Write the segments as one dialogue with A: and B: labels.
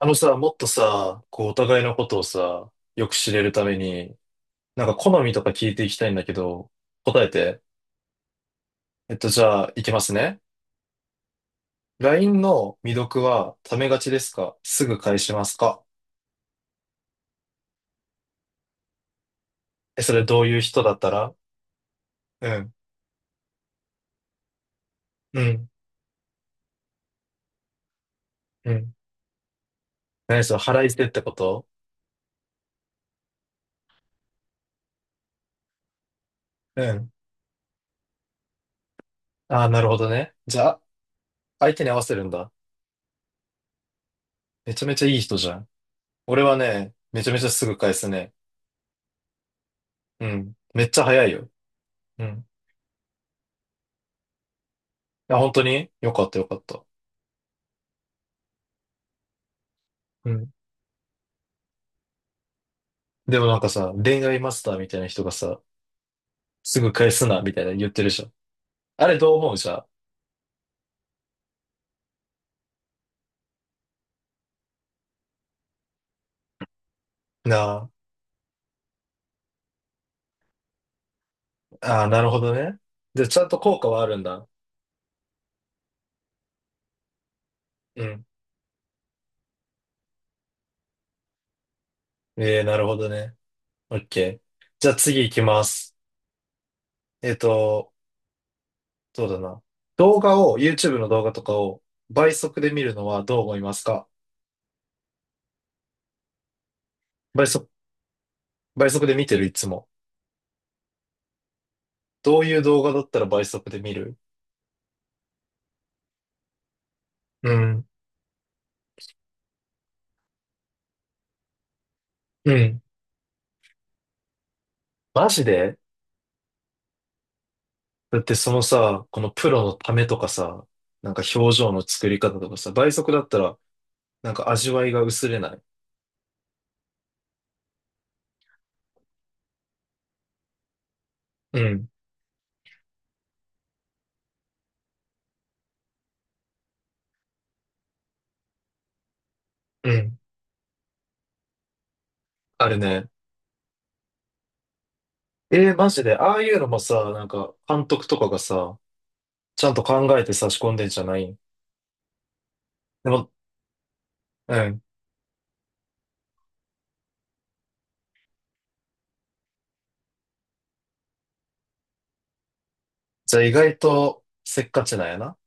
A: あのさ、もっとさ、こう、お互いのことをさ、よく知れるために、なんか好みとか聞いていきたいんだけど、答えて。じゃあ、いきますね。LINE の未読は、ためがちですか？すぐ返しますか？え、それどういう人だったら？うん、うん、うん。何それ、腹いせってこと？うん。ああ、なるほどね。じゃあ、相手に合わせるんだ。めちゃめちゃいい人じゃん。俺はね、めちゃめちゃすぐ返すね。うん。めっちゃ早いよ。うん。あ、本当によかったよかった。うん。でもなんかさ、恋愛マスターみたいな人がさ、すぐ返すな、みたいな言ってるじゃん。あれどう思う？じゃん。なあ、ああ、なるほどね。で、ちゃんと効果はあるんだ。うん。ええ、なるほどね。オッケー。じゃあ次行きます。えっと、そうだな。動画を、YouTube の動画とかを倍速で見るのはどう思いますか？倍速、倍速で見てるいつも。どういう動画だったら倍速で見る？うん。うん。マジで。だってそのさ、このプロのためとかさ、なんか表情の作り方とかさ、倍速だったら、なんか味わいが薄れない？うん、うん。あれね。えー、マジで、ああいうのもさ、なんか監督とかがさ、ちゃんと考えて差し込んでんじゃない？でも、うん。じゃあ意外とせっかちなんやな。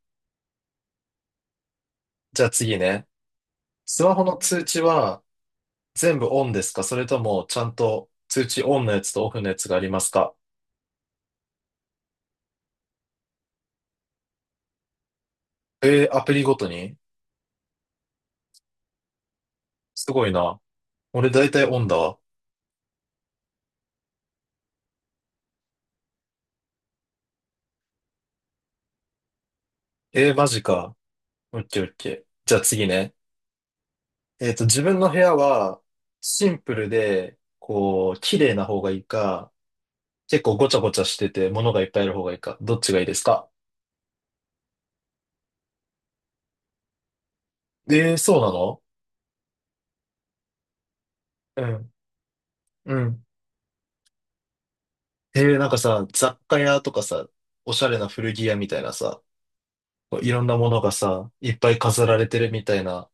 A: じゃあ次ね。スマホの通知は全部オンですか？それともちゃんと通知オンのやつとオフのやつがありますか？えー、アプリごとに？すごいな。俺大体オンだわ。えー、マジか。オッケーオッケー。じゃあ次ね。自分の部屋はシンプルで、こう、綺麗な方がいいか、結構ごちゃごちゃしてて物がいっぱいある方がいいか、どっちがいいですか？えー、そうなの？うん、うん。えー、なんかさ、雑貨屋とかさ、おしゃれな古着屋みたいなさ、こういろんなものがさ、いっぱい飾られてるみたいな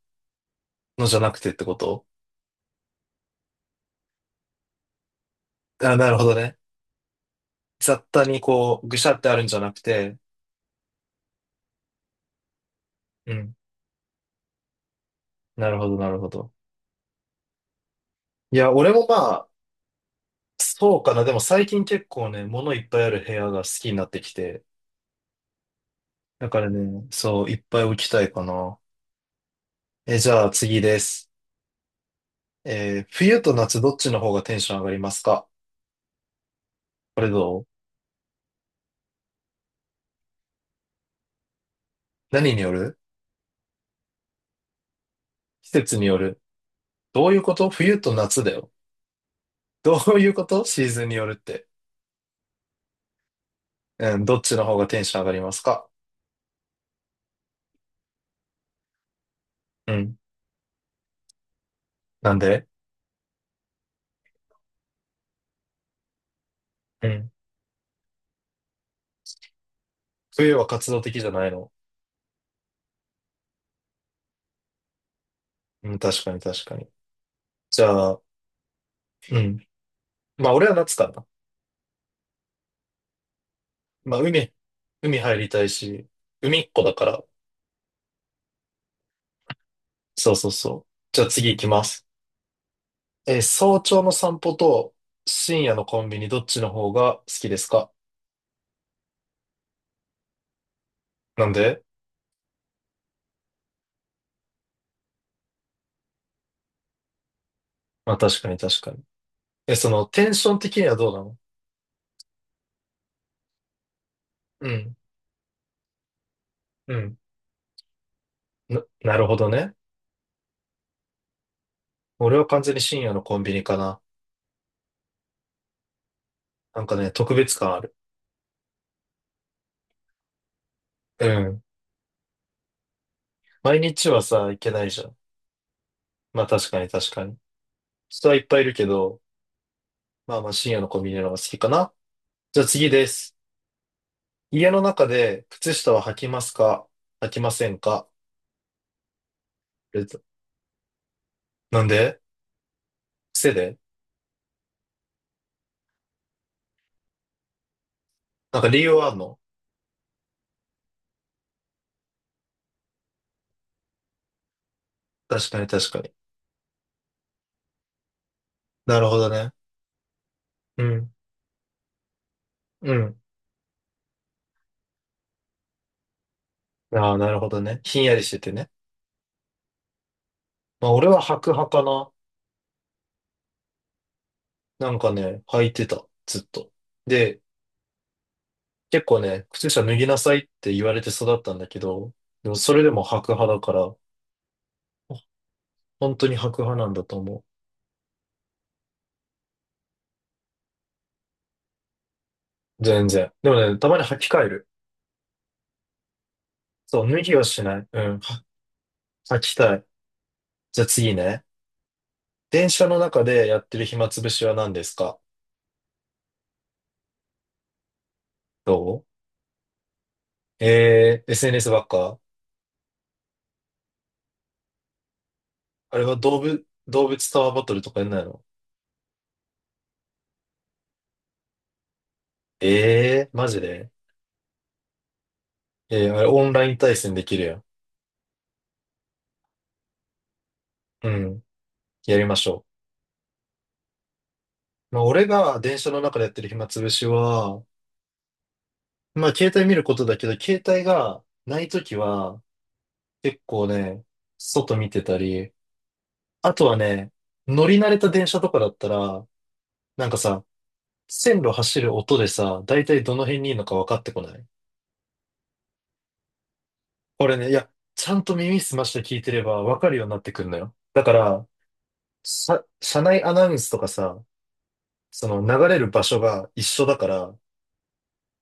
A: のじゃなくてってこと？あ、なるほどね。雑多にこう、ぐしゃってあるんじゃなくて、うん。なるほど、なるほど。いや、俺もまあ、そうかな。でも最近結構ね、物いっぱいある部屋が好きになってきて。だからね、そう、いっぱい置きたいかな。え、じゃあ次です。冬と夏どっちの方がテンション上がりますか？これどう？何による？季節による。どういうこと？冬と夏だよ。どういうこと？シーズンによるって。うん、どっちの方がテンション上がりますか？うん。なんで？うん。冬は活動的じゃないの？うん、確かに確かに。じゃあ、うん。まあ俺は夏かな。まあ、海入りたいし、海っ子だから。そうそうそう。じゃあ次行きます。早朝の散歩と深夜のコンビニどっちの方が好きですか？なんで？まあ確かに確かに。え、そのテンション的にはどうなの？うん、うん。なるほどね。俺は完全に深夜のコンビニかな。なんかね、特別感ある。うん。毎日はさ、行けないじゃん。まあ確かに確かに。人はいっぱいいるけど、まあまあ深夜のコンビニの方が好きかな。じゃあ次です。家の中で靴下は履きますか？履きませんか？え？なんで？癖で？なんか理由はあんの？確かに確かに。なるほどね。うん。うん。ああ、なるほどね。ひんやりしててね。まあ俺は履く派かな。なんかね、履いてた。ずっと。で、結構ね、靴下脱ぎなさいって言われて育ったんだけど、でもそれでも履く派だから、本当に履く派なんだと思う。全然。でもね、たまに履き替える。そう、脱ぎはしない。うん。は履きたい。じゃあ次ね。電車の中でやってる暇つぶしは何ですか？どう？えー、SNS ばっか？あれは動物タワーバトルとかやんないの？えー、マジで？えー、あれオンライン対戦できるやん。うん、やりましょう。まあ、俺が電車の中でやってる暇つぶしは、まあ、携帯見ることだけど、携帯がないときは、結構ね、外見てたり、あとはね、乗り慣れた電車とかだったら、なんかさ、線路走る音でさ、だいたいどの辺にいるのか分かってこない？これね、いや、ちゃんと耳澄まして聞いてればわかるようになってくるのよ。だから、さ、車内アナウンスとかさ、その流れる場所が一緒だから、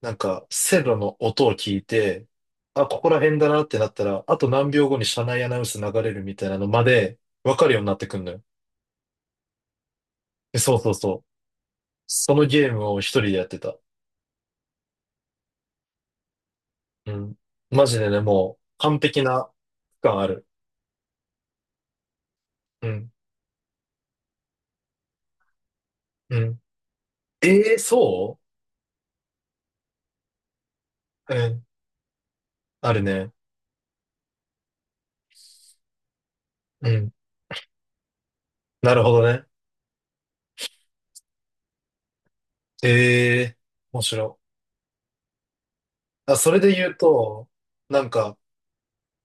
A: なんか線路の音を聞いて、あ、ここら辺だなってなったら、あと何秒後に車内アナウンス流れるみたいなのまでわかるようになってくるのよ。え、そうそうそう。そのゲームを一人でやってた。うん。マジでね、もう完璧な区間ある。うん。うん。ええ、そう。うん。あるね。うん。なるほどね。ええ、面白い。あ、それで言うと、なんか、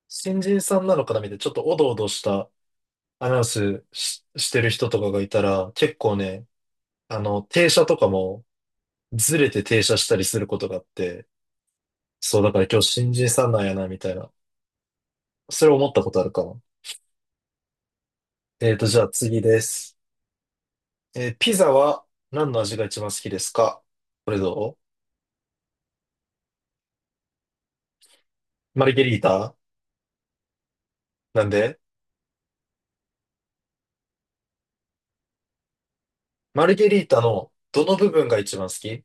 A: 新人さんなのかなみたいな、ちょっとおどおどしたアナウンスしてる人とかがいたら、結構ね、停車とかもずれて停車したりすることがあって、そう、だから今日新人さんなんやな、みたいな。それ思ったことあるかも。じゃあ次です。ピザは何の味が一番好きですか？これどう？マルゲリータ。なんで？マルゲリータのどの部分が一番好き？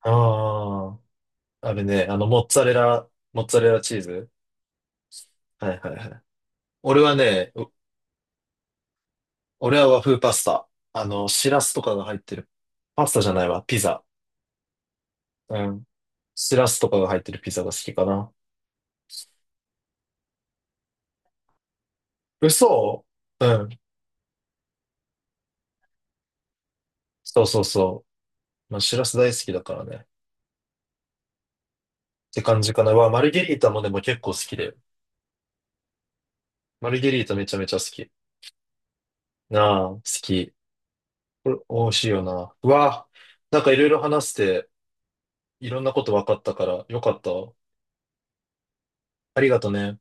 A: ああー。あれね、モッツァレラチーズ。はいはいはい。俺はね、俺は和風パスタ。シラスとかが入ってる。パスタじゃないわ、ピザ。うん。シラスとかが入ってるピザが好きかな。嘘。うん。そうそうそう。まあ、シラス大好きだからね。って感じかな。わ、マルゲリータもでも結構好きだよ。マルゲリータめちゃめちゃ好き。なあ、好き。これ、美味しいよな。うわ、なんかいろいろ話して、いろんなこと分かったから、よかったわ。ありがとね。